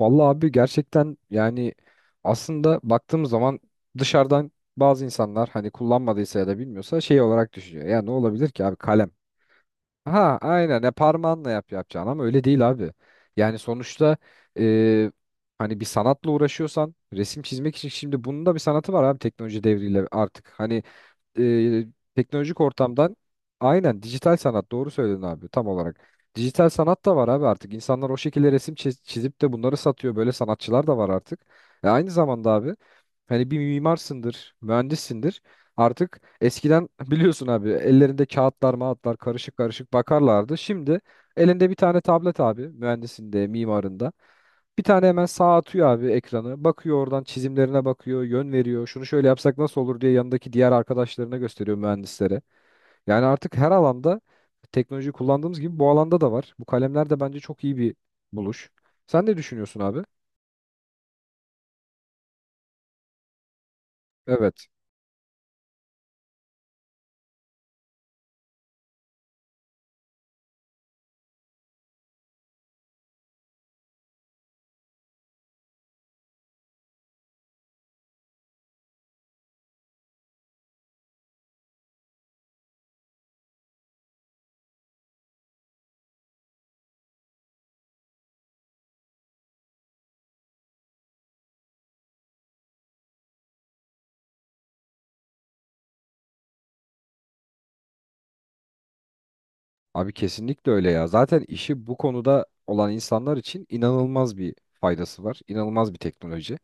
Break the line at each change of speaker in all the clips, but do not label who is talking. Vallahi abi gerçekten yani aslında baktığımız zaman dışarıdan bazı insanlar hani kullanmadıysa ya da bilmiyorsa şey olarak düşünüyor. Ya ne olabilir ki abi kalem. Ha aynen ya parmağınla yap yapacağın ama öyle değil abi. Yani sonuçta e, hani bir sanatla uğraşıyorsan resim çizmek için şimdi bunun da bir sanatı var abi teknoloji devriyle artık. Hani e, teknolojik ortamdan aynen dijital sanat doğru söyledin abi tam olarak. Dijital sanat da var abi artık. İnsanlar o şekilde resim çizip de bunları satıyor. Böyle sanatçılar da var artık. E aynı zamanda abi hani bir mimarsındır, mühendissindir. Artık eskiden biliyorsun abi ellerinde kağıtlar, mağıtlar karışık karışık bakarlardı. Şimdi elinde bir tane tablet abi mühendisinde, mimarında. Bir tane hemen sağa atıyor abi ekranı. Bakıyor oradan çizimlerine bakıyor, yön veriyor. Şunu şöyle yapsak nasıl olur diye yanındaki diğer arkadaşlarına gösteriyor mühendislere. Yani artık her alanda teknoloji kullandığımız gibi bu alanda da var. Bu kalemler de bence çok iyi bir buluş. Sen ne düşünüyorsun abi? Evet. Abi kesinlikle öyle ya. Zaten işi bu konuda olan insanlar için inanılmaz bir faydası var. İnanılmaz bir teknoloji.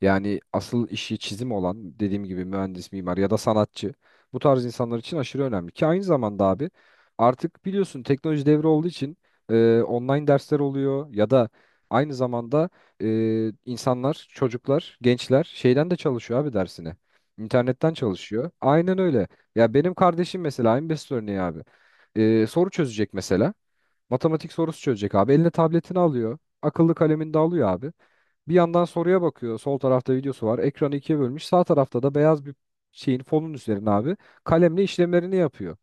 Yani asıl işi çizim olan dediğim gibi mühendis, mimar ya da sanatçı bu tarz insanlar için aşırı önemli. Ki aynı zamanda abi artık biliyorsun teknoloji devri olduğu için online dersler oluyor ya da aynı zamanda e, insanlar, çocuklar, gençler şeyden de çalışıyor abi dersine. İnternetten çalışıyor. Aynen öyle. Ya benim kardeşim mesela en basit örneği abi soru çözecek mesela. Matematik sorusu çözecek abi. Eline tabletini alıyor. Akıllı kalemini de alıyor abi. Bir yandan soruya bakıyor. Sol tarafta videosu var. Ekranı ikiye bölmüş. Sağ tarafta da beyaz bir şeyin fonun üzerine abi kalemle işlemlerini yapıyor.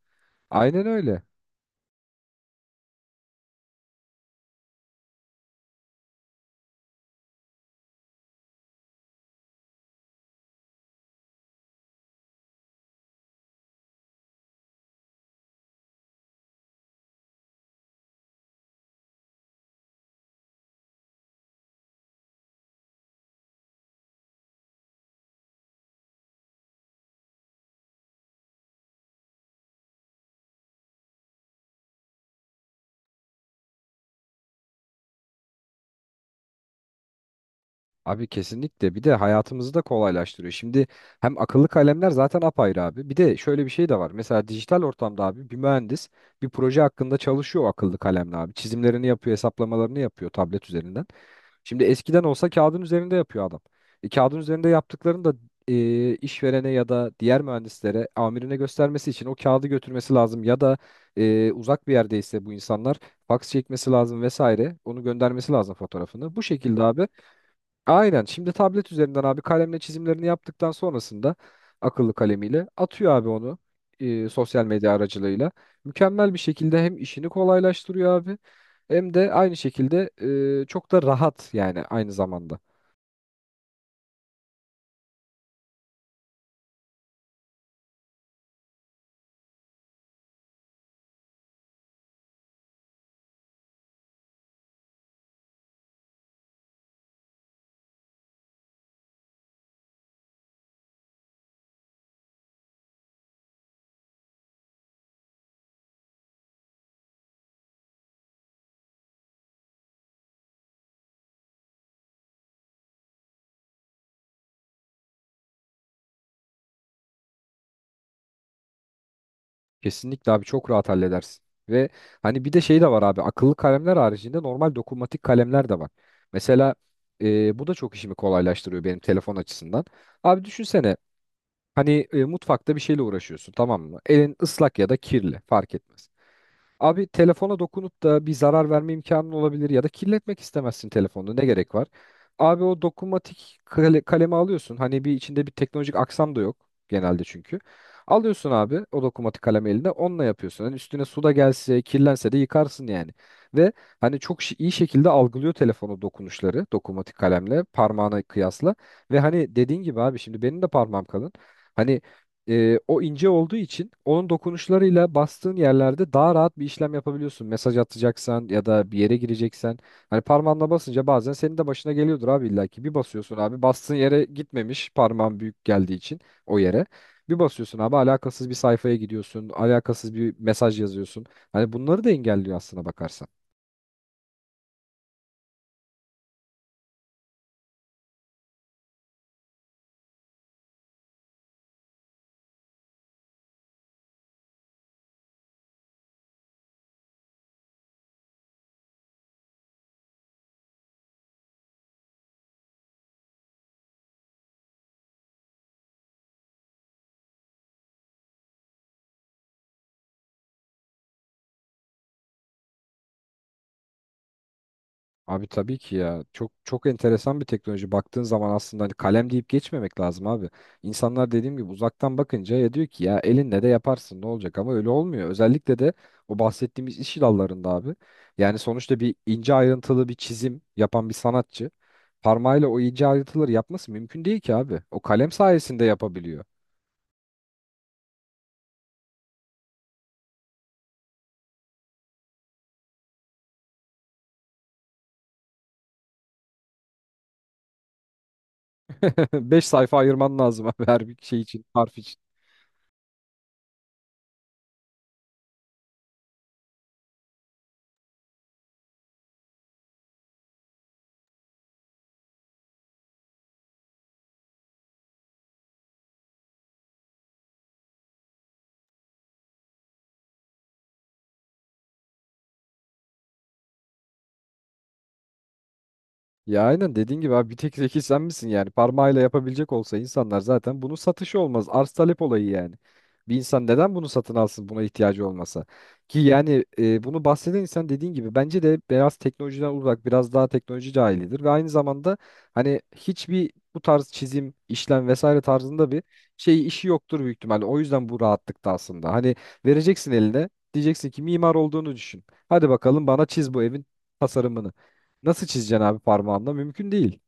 Aynen öyle. Abi kesinlikle bir de hayatımızı da kolaylaştırıyor. Şimdi hem akıllı kalemler zaten apayrı abi. Bir de şöyle bir şey de var. Mesela dijital ortamda abi bir mühendis bir proje hakkında çalışıyor o akıllı kalemle abi. Çizimlerini yapıyor, hesaplamalarını yapıyor tablet üzerinden. Şimdi eskiden olsa kağıdın üzerinde yapıyor adam. E, kağıdın üzerinde yaptıklarını da işverene ya da diğer mühendislere, amirine göstermesi için o kağıdı götürmesi lazım ya da uzak bir yerdeyse bu insanlar faks çekmesi lazım vesaire. Onu göndermesi lazım fotoğrafını. Bu şekilde abi. Aynen. Şimdi tablet üzerinden abi kalemle çizimlerini yaptıktan sonrasında akıllı kalemiyle atıyor abi onu sosyal medya aracılığıyla. Mükemmel bir şekilde hem işini kolaylaştırıyor abi hem de aynı şekilde çok da rahat yani aynı zamanda. Kesinlikle abi çok rahat halledersin. Ve hani bir de şey de var abi akıllı kalemler haricinde normal dokunmatik kalemler de var. Mesela bu da çok işimi kolaylaştırıyor benim telefon açısından. Abi düşünsene. Hani mutfakta bir şeyle uğraşıyorsun tamam mı? Elin ıslak ya da kirli fark etmez. Abi telefona dokunup da bir zarar verme imkanın olabilir ya da kirletmek istemezsin telefonunu ne gerek var? Abi o dokunmatik kalemi alıyorsun. Hani bir içinde bir teknolojik aksam da yok genelde çünkü. Alıyorsun abi o dokunmatik kalemi eline onunla yapıyorsun. Hani üstüne su da gelse kirlense de yıkarsın yani. Ve hani çok iyi şekilde algılıyor telefonu dokunuşları dokunmatik kalemle parmağına kıyasla. Ve hani dediğin gibi abi şimdi benim de parmağım kalın. Hani o ince olduğu için onun dokunuşlarıyla bastığın yerlerde daha rahat bir işlem yapabiliyorsun. Mesaj atacaksan ya da bir yere gireceksen. Hani parmağınla basınca bazen senin de başına geliyordur abi illa ki. Bir basıyorsun abi bastığın yere gitmemiş parmağın büyük geldiği için o yere. Bir basıyorsun abi alakasız bir sayfaya gidiyorsun. Alakasız bir mesaj yazıyorsun. Hani bunları da engelliyor aslına bakarsan. Abi tabii ki ya. Çok çok enteresan bir teknoloji. Baktığın zaman aslında hani kalem deyip geçmemek lazım abi. İnsanlar dediğim gibi uzaktan bakınca ya diyor ki ya elinle de yaparsın ne olacak ama öyle olmuyor. Özellikle de o bahsettiğimiz iş dallarında abi. Yani sonuçta bir ince ayrıntılı bir çizim yapan bir sanatçı parmağıyla o ince ayrıntıları yapması mümkün değil ki abi. O kalem sayesinde yapabiliyor. Beş sayfa ayırman lazım abi her bir şey için, harf için. Ya aynen dediğin gibi abi bir tek zeki sen misin yani parmağıyla yapabilecek olsa insanlar zaten bunun satışı olmaz arz talep olayı yani. Bir insan neden bunu satın alsın buna ihtiyacı olmasa ki yani bunu bahseden insan dediğin gibi bence de biraz teknolojiden uzak biraz daha teknoloji cahilidir ve aynı zamanda hani hiçbir bu tarz çizim işlem vesaire tarzında bir şey işi yoktur büyük ihtimalle o yüzden bu rahatlıkta aslında hani vereceksin eline diyeceksin ki mimar olduğunu düşün hadi bakalım bana çiz bu evin tasarımını. Nasıl çizeceksin abi parmağınla? Mümkün değil.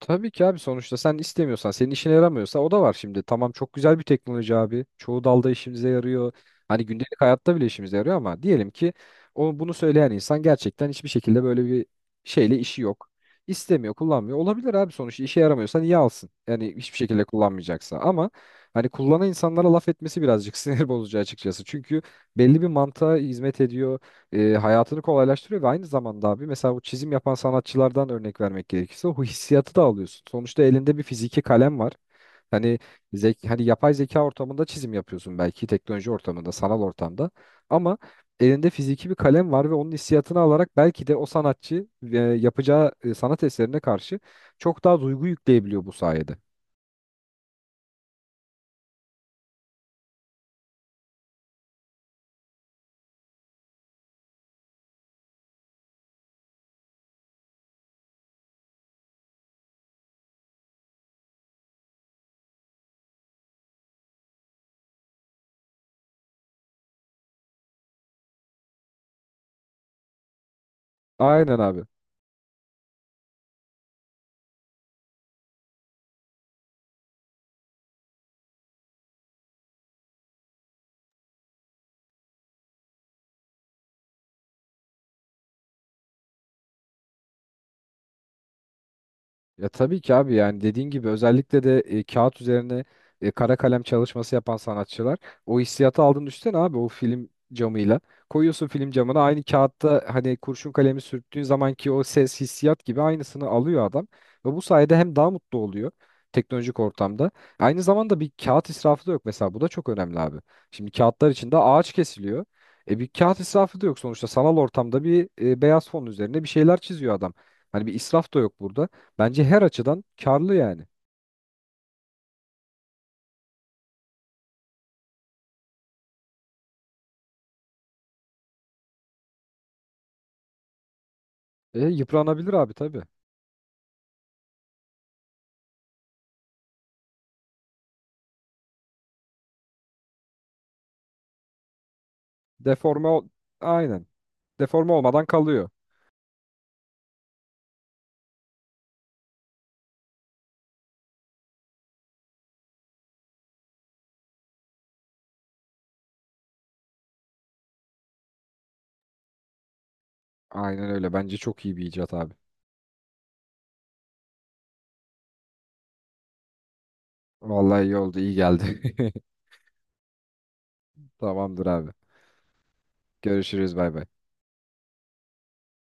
Tabii ki abi sonuçta sen istemiyorsan, senin işine yaramıyorsa o da var şimdi. Tamam çok güzel bir teknoloji abi. Çoğu dalda işimize yarıyor. Hani gündelik hayatta bile işimize yarıyor ama diyelim ki o bunu söyleyen insan gerçekten hiçbir şekilde böyle bir şeyle işi yok. İstemiyor, kullanmıyor. Olabilir abi sonuçta işe yaramıyorsa niye alsın? Yani hiçbir şekilde kullanmayacaksa. Ama hani kullanan insanlara laf etmesi birazcık sinir bozucu açıkçası. Çünkü belli bir mantığa hizmet ediyor. Hayatını kolaylaştırıyor ve aynı zamanda abi mesela bu çizim yapan sanatçılardan örnek vermek gerekirse o hissiyatı da alıyorsun. Sonuçta elinde bir fiziki kalem var. Hani hani yapay zeka ortamında çizim yapıyorsun belki teknoloji ortamında, sanal ortamda. Ama elinde fiziki bir kalem var ve onun hissiyatını alarak belki de o sanatçı yapacağı sanat eserine karşı çok daha duygu yükleyebiliyor bu sayede. Aynen abi. Ya tabii ki abi yani dediğin gibi özellikle de kağıt üzerine kara kalem çalışması yapan sanatçılar o hissiyatı aldın üstten abi o film camıyla. Koyuyorsun film camına aynı kağıtta hani kurşun kalemi sürttüğün zamanki o ses hissiyat gibi aynısını alıyor adam. Ve bu sayede hem daha mutlu oluyor teknolojik ortamda. Aynı zamanda bir kağıt israfı da yok mesela bu da çok önemli abi. Şimdi kağıtlar içinde ağaç kesiliyor. E bir kağıt israfı da yok sonuçta sanal ortamda bir beyaz fon üzerine bir şeyler çiziyor adam. Hani bir israf da yok burada. Bence her açıdan karlı yani. E, yıpranabilir abi tabii. Deforme ol... Aynen. Deforme olmadan kalıyor. Aynen öyle. Bence çok iyi bir icat abi. Vallahi iyi oldu, iyi geldi. Tamamdır abi. Görüşürüz, bay bay.